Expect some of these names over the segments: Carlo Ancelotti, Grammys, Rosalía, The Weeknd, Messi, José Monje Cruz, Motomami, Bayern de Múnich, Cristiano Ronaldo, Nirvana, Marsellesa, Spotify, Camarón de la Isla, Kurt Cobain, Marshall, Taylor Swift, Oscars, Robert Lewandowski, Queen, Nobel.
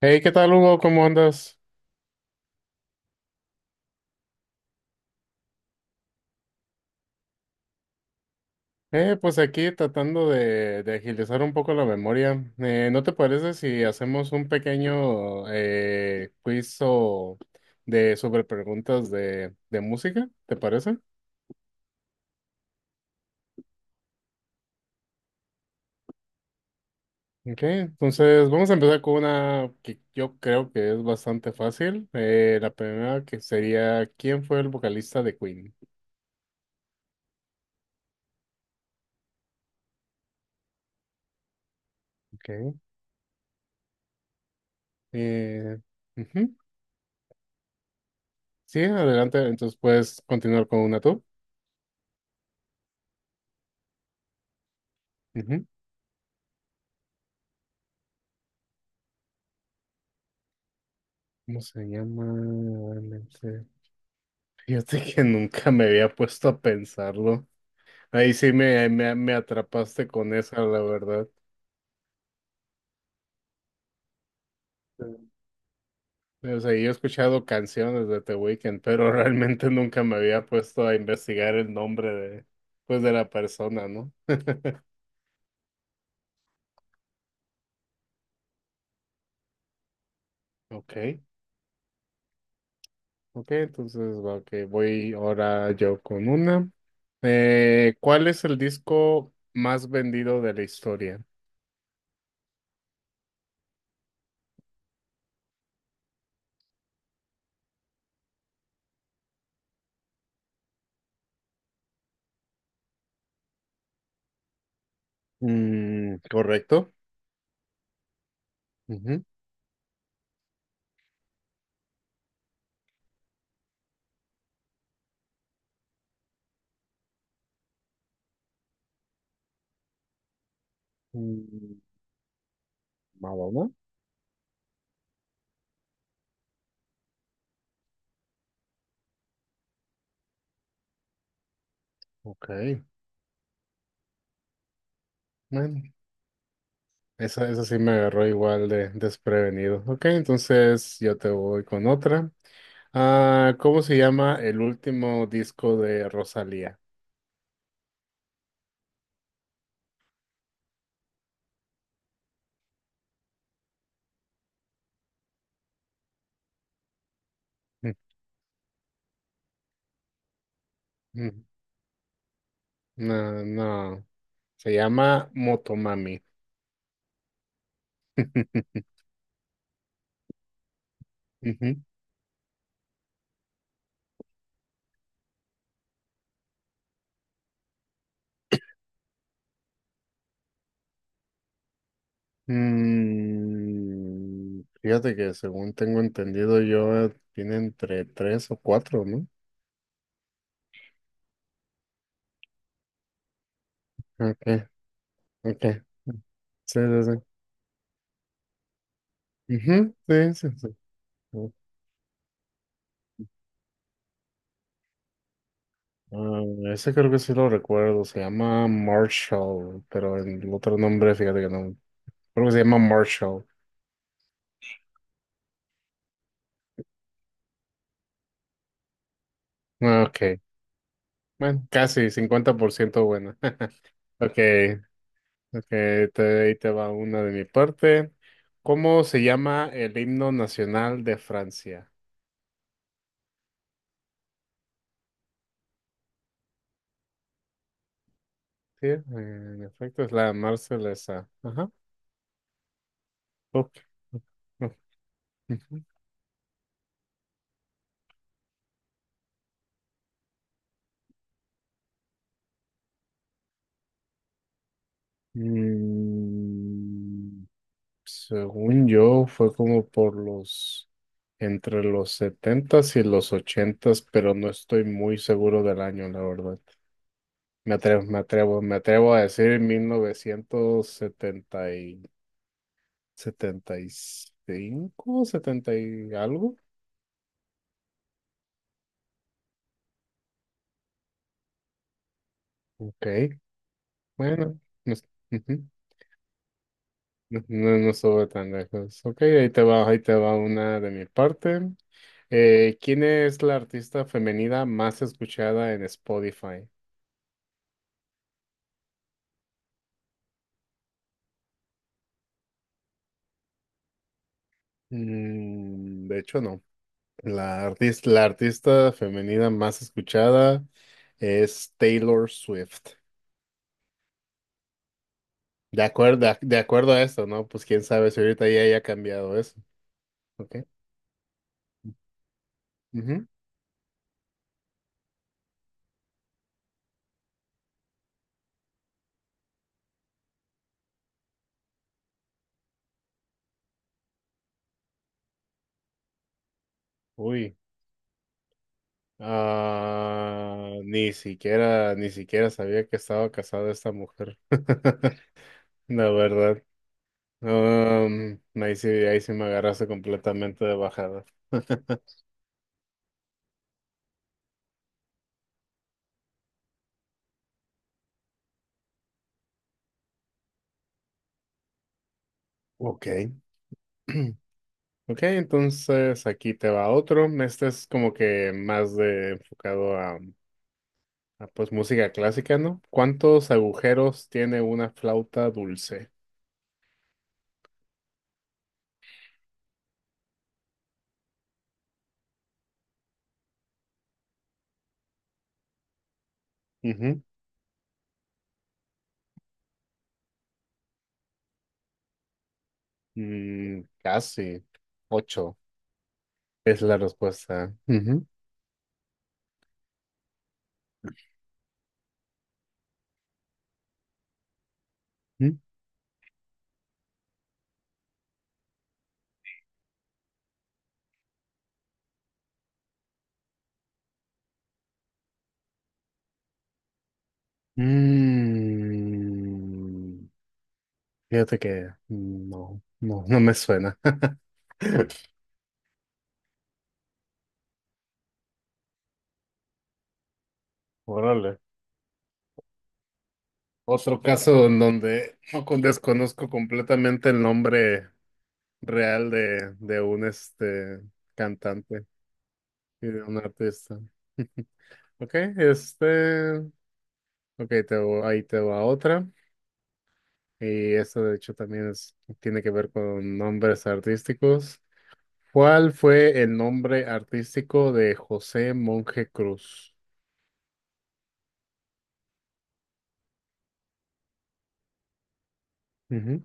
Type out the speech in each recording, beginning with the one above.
Hey, ¿qué tal, Hugo? ¿Cómo andas? Pues aquí tratando de agilizar un poco la memoria. ¿No te parece si hacemos un pequeño quiz o de sobre preguntas de música? ¿Te parece? Ok, entonces vamos a empezar con una que yo creo que es bastante fácil. La primera que sería, ¿quién fue el vocalista de Queen? Ok. Eh, Ujú. Sí, adelante. Entonces puedes continuar con una tú. ¿Cómo se llama realmente? Fíjate que nunca me había puesto a pensarlo. Ahí sí me atrapaste con esa, la verdad. Sí. O sea, yo he escuchado canciones de The Weeknd, pero realmente nunca me había puesto a investigar el nombre pues, de la persona, ¿no? Ok, ok, entonces, ok, voy ahora yo con una. ¿Cuál es el disco más vendido de la historia? Mm, correcto. Ujú. Más uno. Ok, bueno, esa sí me agarró igual de desprevenido. Ok, entonces yo te voy con otra. Ah, ¿cómo se llama el último disco de Rosalía? Mm, mm, No, no, se llama Motomami. Ujú. Mm, fíjate que según tengo entendido yo, tiene entre tres o cuatro, ¿no? Ok, ok. Sí, sí, sí. Ujú, sí, sí, sí. Ah, ese creo que sí lo recuerdo, se llama Marshall, pero el otro nombre, fíjate que no, creo que se llama Marshall. Ah, ok, bueno, casi 50% buena. Ok, ok, ahí te va una de mi parte. ¿Cómo se llama el himno nacional de Francia? Sí, en efecto es la Marsellesa. Ajá. Ok, ok, ok. Ujú. Mm, según yo, fue como entre los 70 y los 80, pero no estoy muy seguro del año, la verdad. Me atrevo a decir mil novecientos 75, 70 y algo. Ok, bueno, no, ujú, no, no, no estuve tan lejos. Ok, ahí te va una de mi parte. ¿Quién es la artista femenina más escuchada en Spotify? Mm, de hecho, no. La artista femenina más escuchada es Taylor Swift. De acuerdo, de acuerdo a esto, ¿no? Pues quién sabe si ahorita ya haya cambiado eso. Ok. Ujú. Uy. Ah, ni siquiera sabía que estaba casada esta mujer. La verdad. Ahí sí me agarraste completamente de bajada. Ok. Ok, entonces aquí te va otro. Este es como que más de enfocado pues música clásica, ¿no? ¿Cuántos agujeros tiene una flauta dulce? Ujú. Mm, casi. Ocho es la respuesta. Ujú. Ujú. Mm, fíjate que no, no, no me suena. Órale. Otro caso en donde no con- desconozco completamente el nombre real de un cantante y de un artista. Ok, ok, ahí te va otra. Y esto de hecho también tiene que ver con nombres artísticos. ¿Cuál fue el nombre artístico de José Monje Cruz? Ujú.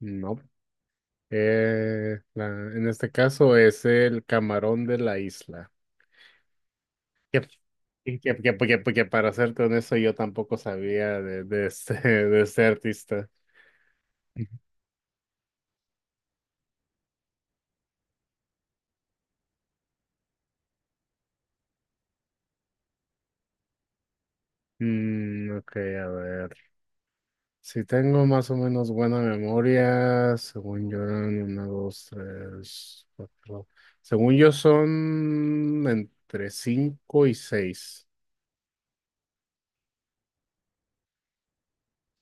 No. En este caso es el camarón de la isla. Y que para ser con eso yo tampoco sabía de este, de este artista. Ujú. Mm, ok, a ver. Si tengo más o menos buena memoria, según yo eran una, dos, tres, cuatro. Según yo son entre cinco y seis.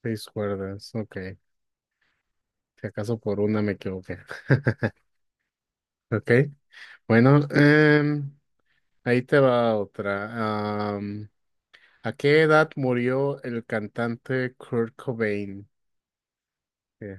Seis cuerdas, ok. Si acaso por una me equivoqué. Ok. Bueno, ahí te va otra. ¿A qué edad murió el cantante Kurt Cobain? Eh,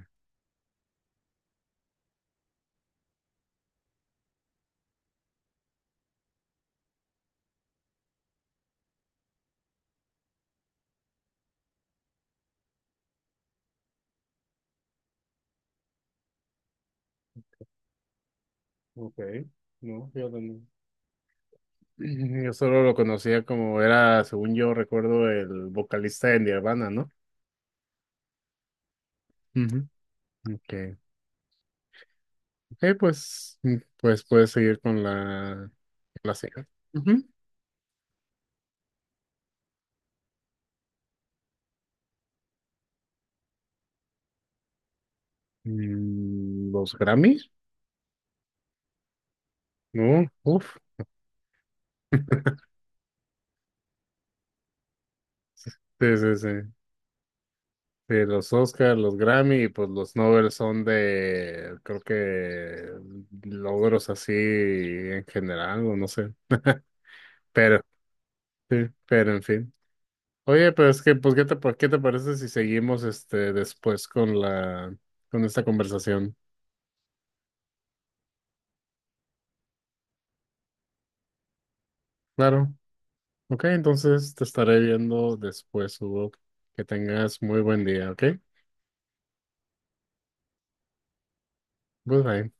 Ok, no, yo también. Yo solo lo conocía como era, según yo recuerdo, el vocalista de Nirvana, ¿no? Ujú. Okay. Ok, pues puedes seguir con la siguiente. Ujú. Mm, ¿los Grammys? No, uff. Sí, sí, sí. Sí, los Oscars, los Grammy y pues los Nobel son creo que logros así en general, o no sé. Pero, sí, pero en fin. Oye, pero es que, pues, qué te parece si seguimos después con con esta conversación? Claro. Ok, entonces te estaré viendo después, Hugo. Que tengas muy buen día, ¿ok? Goodbye.